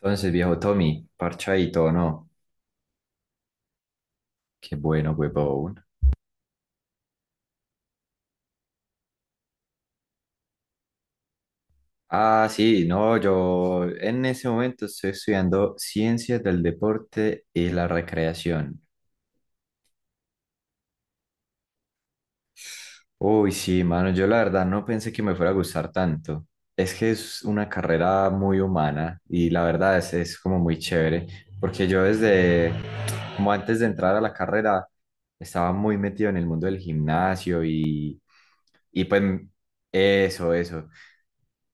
Entonces, viejo Tommy, parchadito, o ¿no? Qué bueno, huevón. Ah, sí, no, yo en ese momento estoy estudiando Ciencias del Deporte y la Recreación. Uy, sí, mano, yo la verdad no pensé que me fuera a gustar tanto. Es que es una carrera muy humana y la verdad es como muy chévere, porque yo desde, como antes de entrar a la carrera, estaba muy metido en el mundo del gimnasio y pues eso, eso.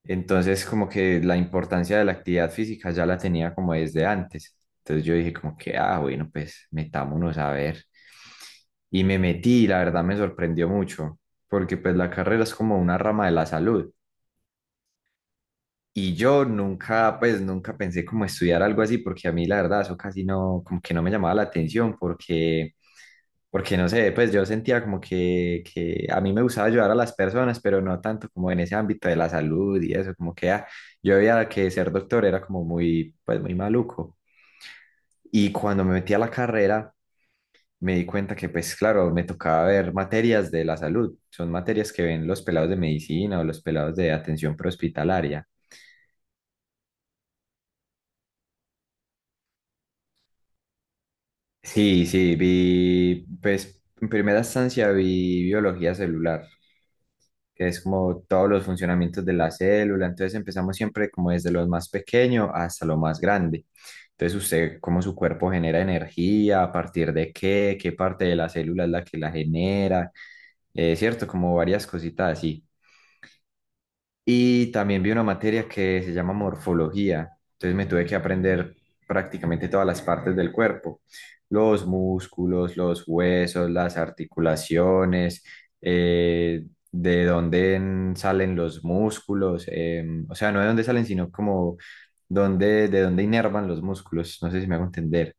Entonces como que la importancia de la actividad física ya la tenía como desde antes. Entonces yo dije como que, ah, bueno, pues metámonos a ver. Y me metí, y la verdad me sorprendió mucho porque pues la carrera es como una rama de la salud. Y yo nunca, pues nunca pensé como estudiar algo así, porque a mí la verdad eso casi no, como que no me llamaba la atención, porque no sé, pues yo sentía como que a mí me gustaba ayudar a las personas, pero no tanto como en ese ámbito de la salud y eso, como que ah, yo veía que ser doctor era como muy, pues muy maluco. Y cuando me metí a la carrera, me di cuenta que, pues claro, me tocaba ver materias de la salud. Son materias que ven los pelados de medicina o los pelados de atención prehospitalaria. Sí, sí, vi, pues en primera instancia vi biología celular, que es como todos los funcionamientos de la célula. Entonces empezamos siempre como desde lo más pequeño hasta lo más grande. Entonces usted, cómo su cuerpo genera energía, a partir de qué parte de la célula es la que la genera, ¿cierto? Como varias cositas así. Y también vi una materia que se llama morfología. Entonces me tuve que aprender prácticamente todas las partes del cuerpo, los músculos, los huesos, las articulaciones, eh, de dónde salen los músculos, o sea, no de dónde salen, sino como dónde, de dónde inervan los músculos. No sé si me hago entender.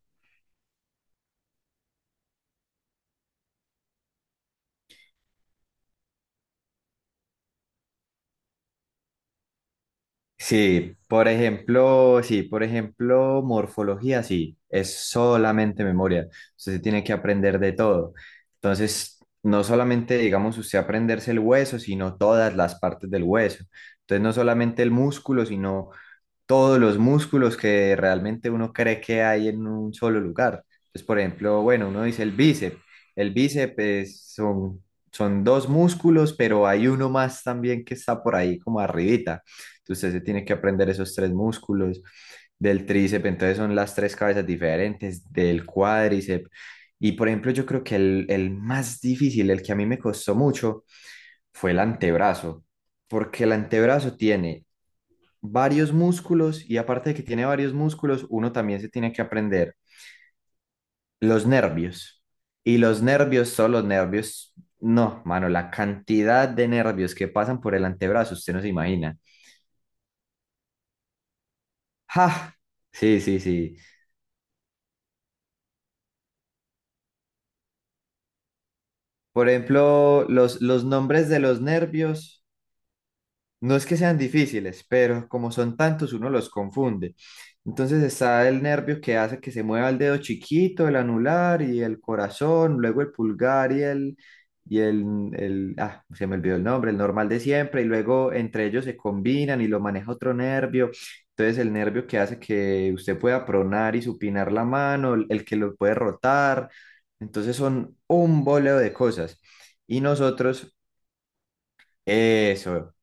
Sí, por ejemplo, morfología, sí, es solamente memoria. Usted se tiene que aprender de todo. Entonces, no solamente, digamos, usted aprenderse el hueso, sino todas las partes del hueso. Entonces, no solamente el músculo, sino todos los músculos que realmente uno cree que hay en un solo lugar. Entonces, por ejemplo, bueno, uno dice el bíceps. El bíceps son dos músculos, pero hay uno más también que está por ahí como arribita. Entonces, se tiene que aprender esos tres músculos del tríceps, entonces son las tres cabezas diferentes del cuádriceps. Y por ejemplo, yo creo que el más difícil, el que a mí me costó mucho, fue el antebrazo, porque el antebrazo tiene varios músculos y aparte de que tiene varios músculos, uno también se tiene que aprender los nervios. Y los nervios, solo los nervios, no, mano, la cantidad de nervios que pasan por el antebrazo, usted no se imagina. ¡Ja! Sí, sí, sí. Por ejemplo, los nombres de los nervios no es que sean difíciles, pero como son tantos, uno los confunde. Entonces está el nervio que hace que se mueva el dedo chiquito, el anular y el corazón, luego el pulgar y el, ah, se me olvidó el nombre, el normal de siempre, y luego entre ellos se combinan y lo maneja otro nervio. Entonces el nervio que hace que usted pueda pronar y supinar la mano, el que lo puede rotar. Entonces son un boleo de cosas. Y nosotros, eso,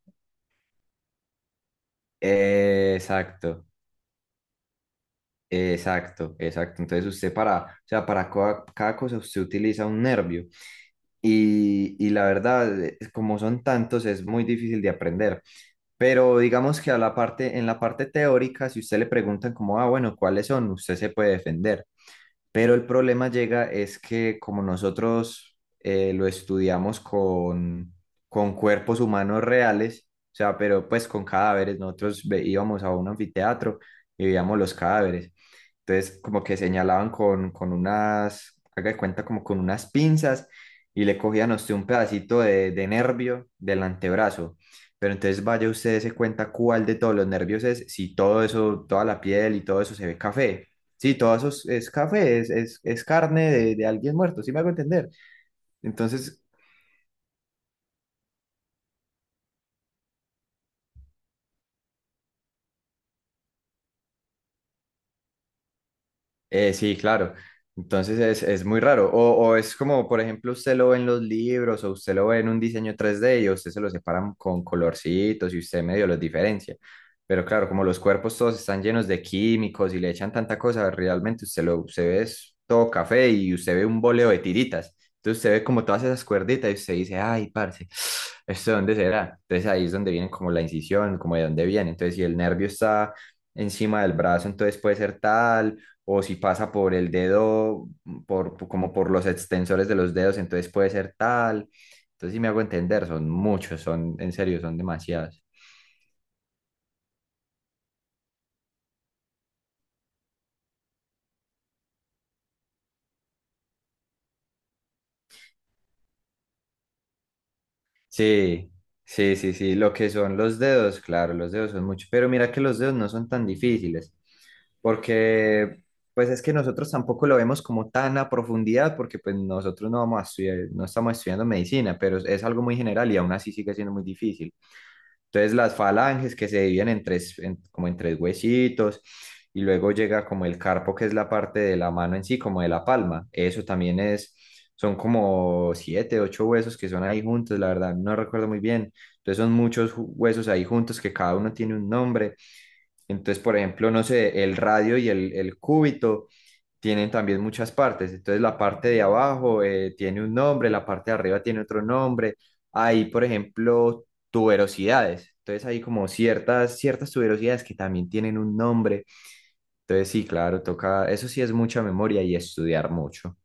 exacto. Exacto, exacto. Entonces usted para, o sea, para cada cosa usted utiliza un nervio y la verdad, como son tantos, es muy difícil de aprender. Pero digamos que en la parte teórica, si usted le preguntan como, ah, bueno, ¿cuáles son? Usted se puede defender. Pero el problema llega es que como nosotros lo estudiamos con cuerpos humanos reales, o sea, pero pues con cadáveres, nosotros íbamos a un anfiteatro y veíamos los cadáveres entonces, como que señalaban con unas, haga de cuenta, como con unas pinzas y le cogían a usted un pedacito de nervio del antebrazo. Pero entonces vaya usted se cuenta cuál de todos los nervios es, si todo eso, toda la piel y todo eso se ve café. Sí, todo eso es café, es carne de alguien muerto, ¿sí me hago entender? Entonces, sí, claro. Entonces es muy raro. O es como, por ejemplo, usted lo ve en los libros o usted lo ve en un diseño 3D y a usted se lo separan con colorcitos y usted medio los diferencia. Pero claro, como los cuerpos todos están llenos de químicos y le echan tanta cosa, realmente usted ve es todo café y usted ve un boleo de tiritas. Entonces usted ve como todas esas cuerditas y usted dice, ay, parce, ¿esto de dónde será? Entonces ahí es donde viene como la incisión, como de dónde viene. Entonces si el nervio está encima del brazo, entonces puede ser tal o si pasa por el dedo, como por los extensores de los dedos, entonces puede ser tal. Entonces, sí me hago entender, son muchos, son, en serio, son demasiados. Sí, sí, sí, sí, lo que son los dedos, claro, los dedos son muchos, pero mira que los dedos no son tan difíciles, porque pues es que nosotros tampoco lo vemos como tan a profundidad, porque pues nosotros no vamos a estudiar, no estamos estudiando medicina, pero es algo muy general y aún así sigue siendo muy difícil. Entonces las falanges que se dividen en tres, como en tres huesitos, y luego llega como el carpo, que es la parte de la mano en sí, como de la palma. Eso también es, son como siete, ocho huesos que son ahí juntos, la verdad, no recuerdo muy bien. Entonces son muchos huesos ahí juntos que cada uno tiene un nombre. Entonces, por ejemplo, no sé, el radio y el cúbito tienen también muchas partes. Entonces la parte de abajo tiene un nombre, la parte de arriba tiene otro nombre. Hay, por ejemplo, tuberosidades. Entonces hay como ciertas, ciertas tuberosidades que también tienen un nombre. Entonces sí, claro, toca, eso sí es mucha memoria y estudiar mucho.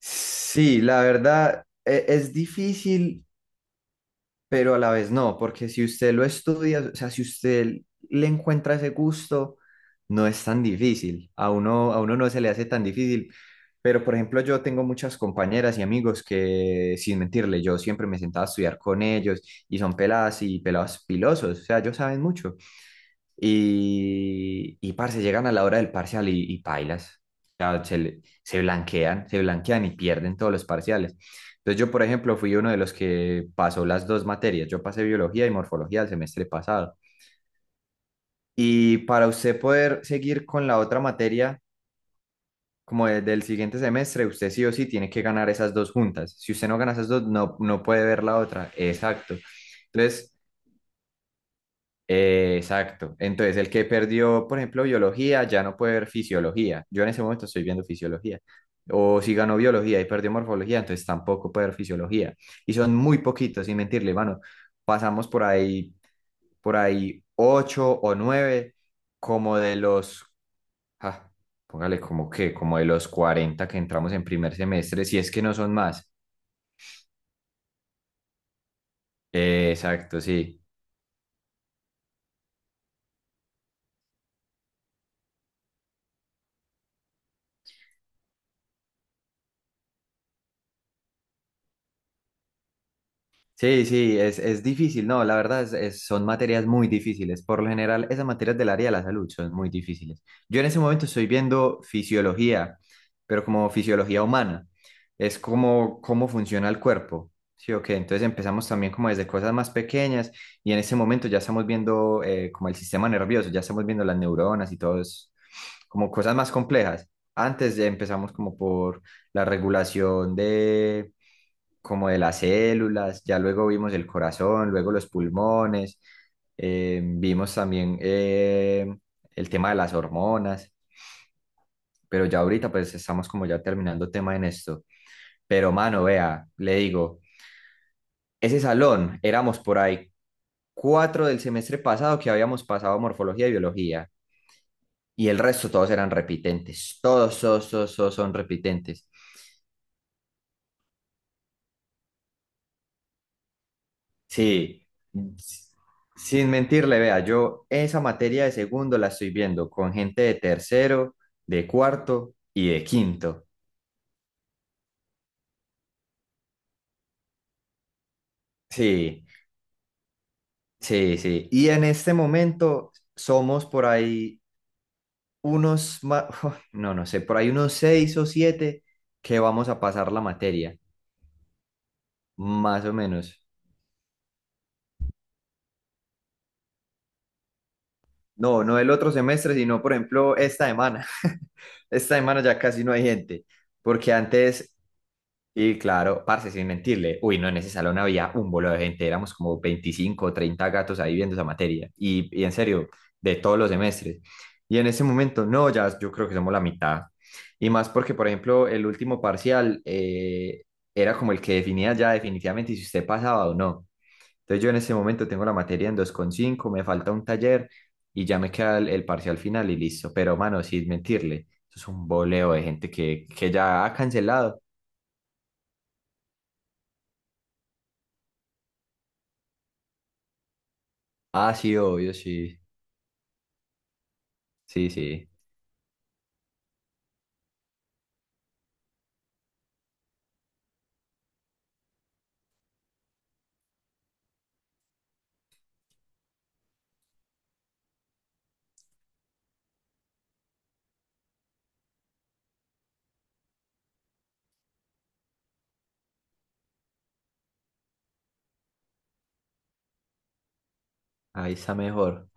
Sí, la verdad, es difícil pero a la vez no, porque si usted lo estudia, o sea, si usted le encuentra ese gusto, no es tan difícil, a uno, no se le hace tan difícil, pero por ejemplo yo tengo muchas compañeras y amigos que, sin mentirle, yo siempre me sentaba a estudiar con ellos y son peladas y pelados pilosos, o sea, ellos saben mucho, y parce, llegan a la hora del parcial y pailas. O sea, se blanquean y pierden todos los parciales. Entonces yo, por ejemplo, fui uno de los que pasó las dos materias. Yo pasé biología y morfología el semestre pasado. Y para usted poder seguir con la otra materia, como del siguiente semestre, usted sí o sí tiene que ganar esas dos juntas. Si usted no gana esas dos, no, no puede ver la otra. Exacto. Entonces, exacto. Entonces, el que perdió, por ejemplo, biología, ya no puede ver fisiología. Yo en ese momento estoy viendo fisiología. O si ganó biología y perdió morfología, entonces tampoco puede ver fisiología. Y son muy poquitos, sin mentirle, mano. Pasamos por ahí ocho o nueve, como de los, ah, póngale como que, como de los 40 que entramos en primer semestre, si es que no son más. Exacto, sí. Sí, sí, es difícil, no, la verdad son materias muy difíciles. Por lo general, esas materias del área de la salud son muy difíciles. Yo en ese momento estoy viendo fisiología, pero como fisiología humana. Es como cómo funciona el cuerpo. Sí, ¿o qué? Entonces empezamos también como desde cosas más pequeñas y en ese momento ya estamos viendo como el sistema nervioso, ya estamos viendo las neuronas y todo eso, como cosas más complejas. Antes ya empezamos como por la regulación de como de las células, ya luego vimos el corazón, luego los pulmones, vimos también el tema de las hormonas, pero ya ahorita pues estamos como ya terminando tema en esto. Pero mano, vea, le digo, ese salón éramos por ahí cuatro del semestre pasado que habíamos pasado morfología y biología. Y el resto todos eran repitentes, todos, todos, todos, todos son repitentes. Sí, s- sin mentirle, vea, yo esa materia de segundo la estoy viendo con gente de tercero, de cuarto y de quinto. Sí, sí, sí. Y en este momento somos por ahí unos, no, no sé, por ahí unos seis o siete que vamos a pasar la materia, más o menos. No, no el otro semestre, sino por ejemplo esta semana. Esta semana ya casi no hay gente, porque antes. Y claro, parce, sin mentirle, uy, no, en ese salón había un bolo de gente, éramos como 25 o 30 gatos ahí viendo esa materia, y en serio, de todos los semestres. Y en ese momento, no, ya yo creo que somos la mitad. Y más porque, por ejemplo, el último parcial era como el que definía ya definitivamente si usted pasaba o no. Entonces yo en ese momento tengo la materia en 2,5, me falta un taller y ya me queda el parcial final y listo. Pero, mano, sin mentirle, eso es un boleo de gente que ya ha cancelado. Ah, sí, obvio, sí. Sí, sí. Ahí está mejor.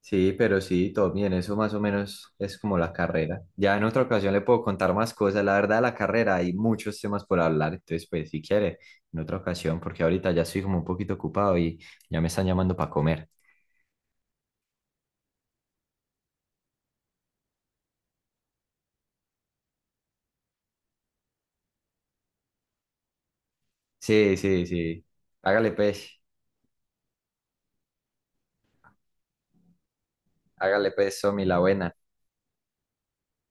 Sí, pero sí, todo bien. Eso más o menos es como la carrera. Ya en otra ocasión le puedo contar más cosas. La verdad, la carrera hay muchos temas por hablar. Entonces, pues, si quiere, en otra ocasión, porque ahorita ya estoy como un poquito ocupado y ya me están llamando para comer. Sí, sí, sí. Hágale pues, hágale pues, Somi, la buena.